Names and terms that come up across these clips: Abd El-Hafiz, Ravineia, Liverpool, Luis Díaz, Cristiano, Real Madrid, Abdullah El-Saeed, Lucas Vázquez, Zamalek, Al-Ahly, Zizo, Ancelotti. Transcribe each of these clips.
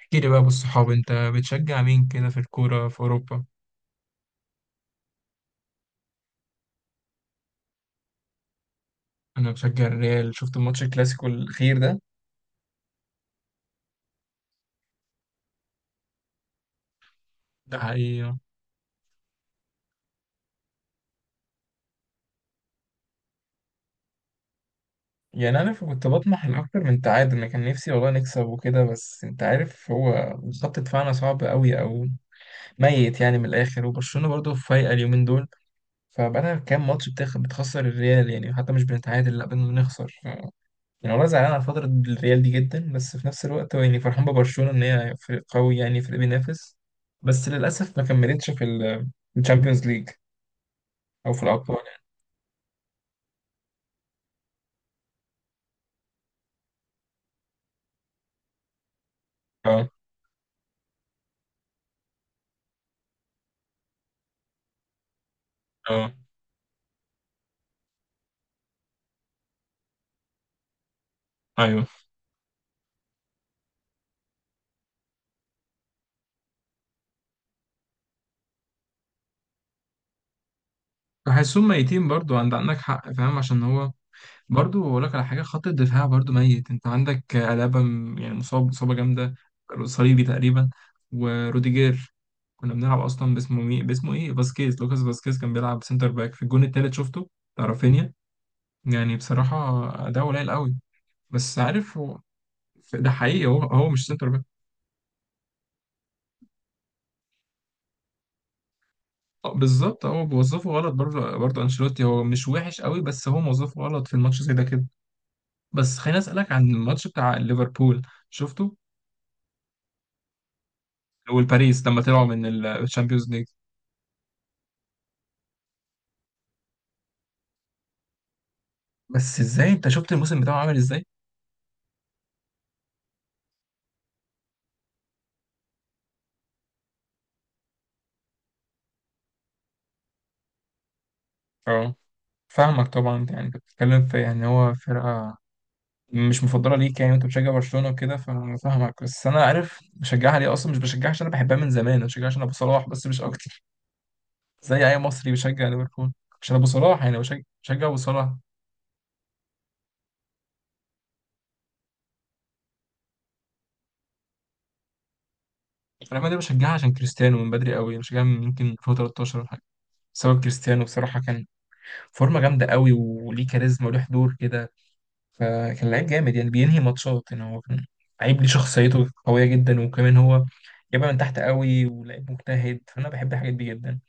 احكي لي بقى بالصحاب، انت بتشجع مين كده في الكورة في اوروبا؟ انا بشجع الريال. شفت الماتش الكلاسيكو الاخير ده. ده حقيقي. يعني انا كنت بطمح لاكتر من تعادل، انا كان نفسي والله نكسب وكده، بس انت عارف هو خط دفاعنا صعب قوي او ميت يعني من الاخر، وبرشلونة برضه فايقة اليومين دول. فبقالها كام ماتش بتخسر الريال، يعني حتى مش بنتعادل لا بنخسر. يعني والله زعلان على فترة الريال دي جدا، بس في نفس الوقت هو يعني فرحان ببرشلونة إن هي فريق قوي، يعني فريق بينافس. بس للأسف ما كملتش في الشامبيونز ليج أو في الأبطال. اه، اه، ايوه. بحسهم ميتين برضو، عندك حق. فاهم؟ عشان هو برضو اقول لك على حاجه، خط الدفاع برضو ميت. انت عندك الابا يعني مصابه جامده، صليبي تقريبا، وروديجير. كنا بنلعب اصلا باسمه ايه، فاسكيز، لوكاس فاسكيز كان بيلعب سنتر باك في الجون التالت، شفته بتاع رافينيا. يعني بصراحة ده قليل قوي، بس عارف هو ده حقيقي، هو هو مش سنتر باك. آه، بالظبط هو بيوظفه غلط برضه، انشيلوتي هو مش وحش قوي، بس هو موظفه غلط في الماتش زي ده كده. بس خليني اسألك عن الماتش بتاع ليفربول، شفته؟ والباريس لما طلعوا من الشامبيونز ليج. بس ازاي؟ انت شفت الموسم بتاعه عامل ازاي؟ اه. فاهمك طبعا، يعني انت بتتكلم في يعني هو فرقة مش مفضله ليك يعني، وانت بتشجع برشلونه وكده، فاهمك. بس انا عارف بشجعها ليه اصلا، مش بشجعها عشان انا بحبها من زمان، انا بشجعها عشان ابو صلاح، بس مش اكتر. زي اي مصري بيشجع ليفربول عشان ابو صلاح، يعني بشجع ابو صلاح. ريال مدريد بشجعها عشان كريستيانو من بدري قوي، بشجعها من يمكن 2013 ولا حاجه. بسبب كريستيانو، بصراحه كان فورمه جامده قوي، وليه كاريزما وليه حضور كده، فكان لعيب جامد. يعني بينهي ماتشات، يعني هو كان لعيب ليه شخصيته قويه جدا، وكمان هو جايبها من تحت قوي، ولعيب مجتهد، فانا بحب الحاجات دي جدا.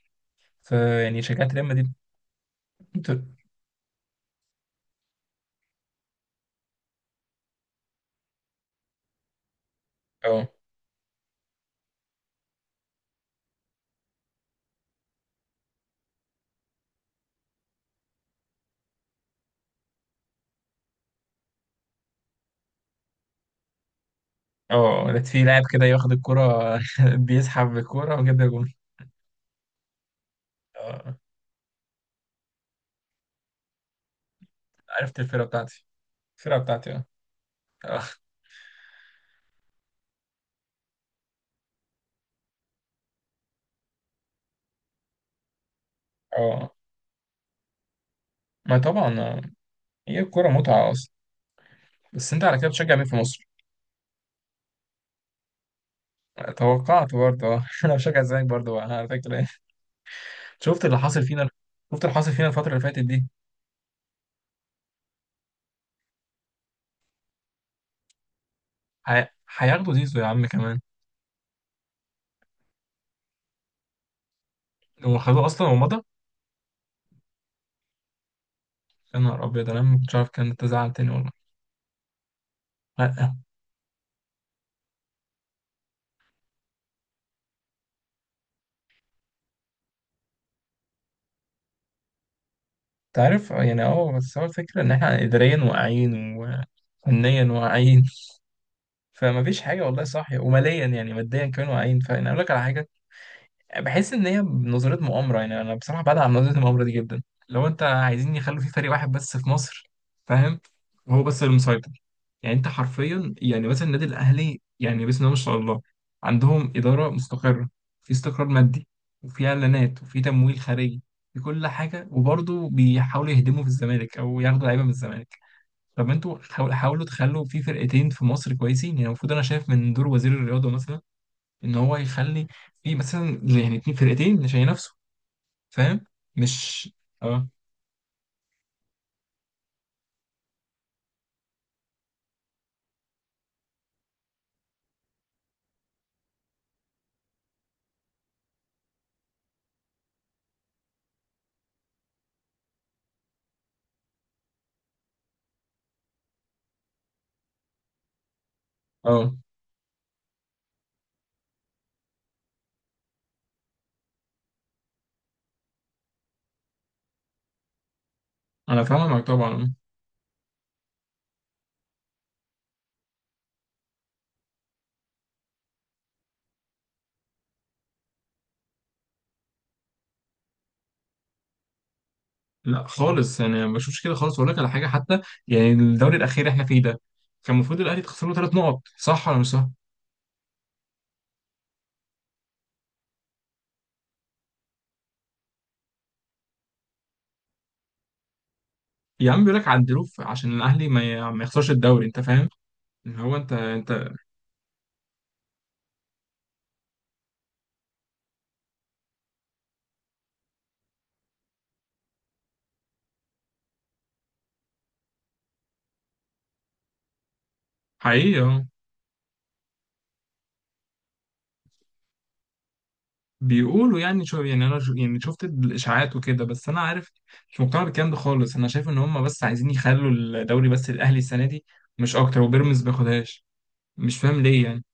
فيعني شجعت ريال مدريد. انت- اه. اه، لقيت في لاعب كده ياخد الكرة بيسحب بالكرة وجاب جون. اه، عرفت الفرقة بتاعتي. الفرقة بتاعتي اه. اه. اه. ما طبعا اه. هي الكرة متعة أصلا. بس أنت على كده بتشجع مين في مصر؟ توقعت برضه اه. أنا بشجع الزمالك برضه بقى، على فكرة. شفت اللي حاصل فينا؟ شفت اللي حاصل فينا الفترة اللي فاتت دي. ه- هياخدوا زيزو يا عم كمان. هو خدوه أصلا ومضى. يا نهار أبيض، أنا ما كنتش عارف، كان تزعل تاني والله. تعرف آه، يعني اه، بس هو الفكرة إن إحنا إداريا واقعين وفنيا واقعين، فمفيش حاجة والله صاحية، وماليا يعني ماديا كمان واقعين. فأنا أقول لك على حاجة، بحس ان هي نظريه مؤامره، يعني انا بصراحه بعد عن نظريه المؤامره دي جدا. لو انت عايزين يخلوا في فريق واحد بس في مصر، فاهم، وهو بس اللي مسيطر. يعني انت حرفيا، يعني مثلا النادي الاهلي يعني بسم الله ما شاء الله، عندهم اداره مستقره، في استقرار مادي، وفي اعلانات وفي تمويل خارجي، في كل حاجه. وبرضه بيحاولوا يهدموا في الزمالك او ياخدوا لعيبه من الزمالك. طب ما انتوا حاولوا تخلوا في فرقتين في مصر كويسين، يعني المفروض انا شايف من دور وزير الرياضه مثلا ان هو يخلي في مثلا يعني اتنين فرقتين عشان ينافسوا، فاهم؟ مش اه. اه، انا فاهمه معاك طبعا. لا خالص، يعني انا ما بشوفش كده خالص. اقول لك على حاجه حتى، يعني الدوري الاخير احنا فيه ده، كان المفروض الاهلي تخسر له ثلاث نقط، صح ولا مش صح؟ يا عم بيقول لك عدلوه عشان الاهلي ما يخسرش الدوري، انت فاهم، إن هو انت حقيقي اه. بيقولوا، يعني شو يعني انا شو، يعني شفت الاشاعات وكده، بس انا عارف مش مقتنع بالكلام ده خالص. انا شايف ان هم بس عايزين يخلوا الدوري بس الاهلي السنه دي، مش اكتر، وبيراميدز ما ياخدهاش. مش فاهم ليه يعني.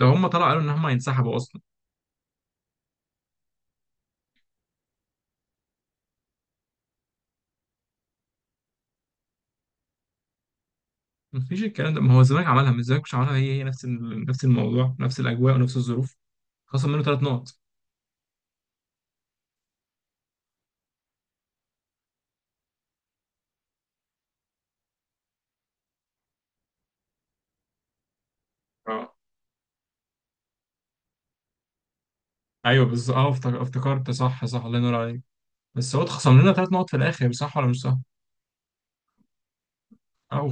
لو هم طلعوا قالوا ان هم هينسحبوا اصلا، مفيش الكلام ده. ما هو الزمالك عملها، ما الزمالك مش عملها، هي هي نفس الموضوع، نفس الاجواء ونفس الظروف، خصم منه ثلاث نقط. اه، ايوه بالظبط اه. افتكرت، صح صح، الله ينور عليك. بس هو اتخصم لنا ثلاث نقط في الاخر، صح ولا مش صح؟ او.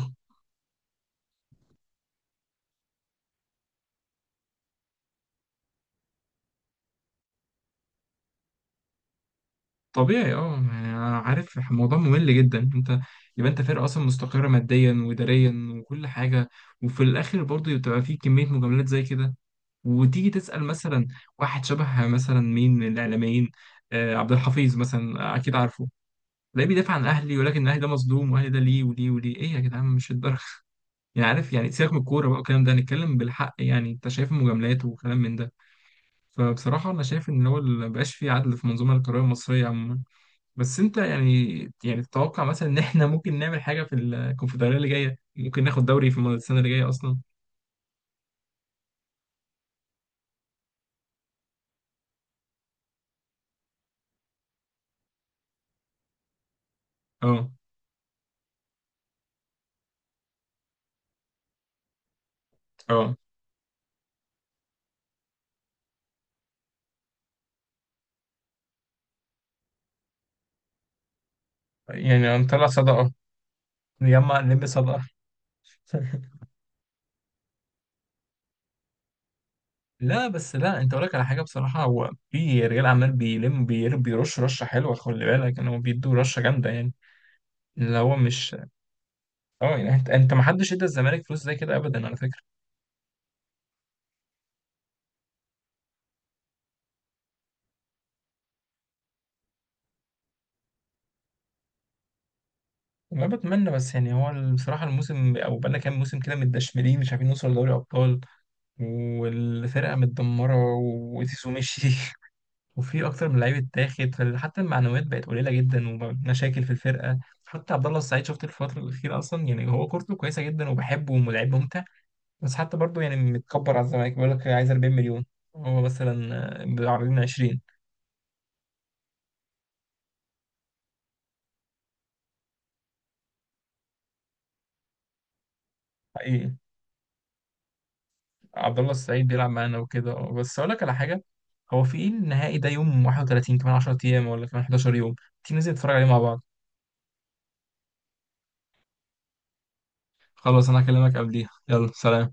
طبيعي اه، يعني أنا عارف الموضوع ممل جدا. انت يبقى انت فرقه اصلا مستقره ماديا واداريا وكل حاجه، وفي الاخر برضه بتبقى في كميه مجاملات زي كده، وتيجي تسال مثلا واحد شبه مثلا مين من الاعلاميين، آه عبد الحفيظ مثلا، آه، اكيد عارفه، تلاقيه بيدافع عن اهلي. ولكن اهلي ده مظلوم، واهلي ده ليه وليه وليه، ايه يا جدعان مش الدرجه يعني عارف، يعني سيبك من الكوره بقى والكلام ده، نتكلم بالحق، يعني انت شايف المجاملات وكلام من ده. فبصراحه انا شايف ان هو مبقاش فيه عدل في المنظومه القضائيه المصريه عموما. بس انت يعني، يعني تتوقع مثلا ان احنا ممكن نعمل حاجه في الكونفدراليه اللي جايه؟ ممكن ناخد دوري في السنه اللي جايه اصلا؟ اه. اه، يعني هنطلع صدقه، نجمع نلم صدقه. لا بس لا، انت اقول لك على حاجه بصراحه، هو في رجال اعمال بيلم بيرش رشه حلوه، خلي بالك ان هو بيدوا رشه جامده يعني، اللي هو مش اه. يعني انت ما حدش ادى الزمالك فلوس زي كده ابدا، على فكره. ما بتمنى بس، يعني هو بصراحه الموسم او بقالنا كام موسم كده متدشملين، مش عارفين نوصل لدوري ابطال، والفرقة متدمرة، وزيزو مشي وفي أكتر من لعيب اتاخد، فحتى المعنويات بقت قليلة جدا ومشاكل في الفرقة. حتى عبد الله السعيد شفت الفترة الأخيرة أصلا، يعني هو كورته كويسة جدا وبحبه ولاعب ممتع، بس حتى برضه يعني متكبر على الزمالك، بيقول لك عايز 40 مليون، هو مثلا عارضين 20. حقيقي. عبد الله السعيد بيلعب معانا وكده اه، بس أقول لك على حاجة، هو في إيه النهائي ده يوم 31، كمان 10 أيام ولا كمان 11 يوم، تيجي ننزل نتفرج عليه مع بعض. خلاص أنا هكلمك قبليها، يلا سلام.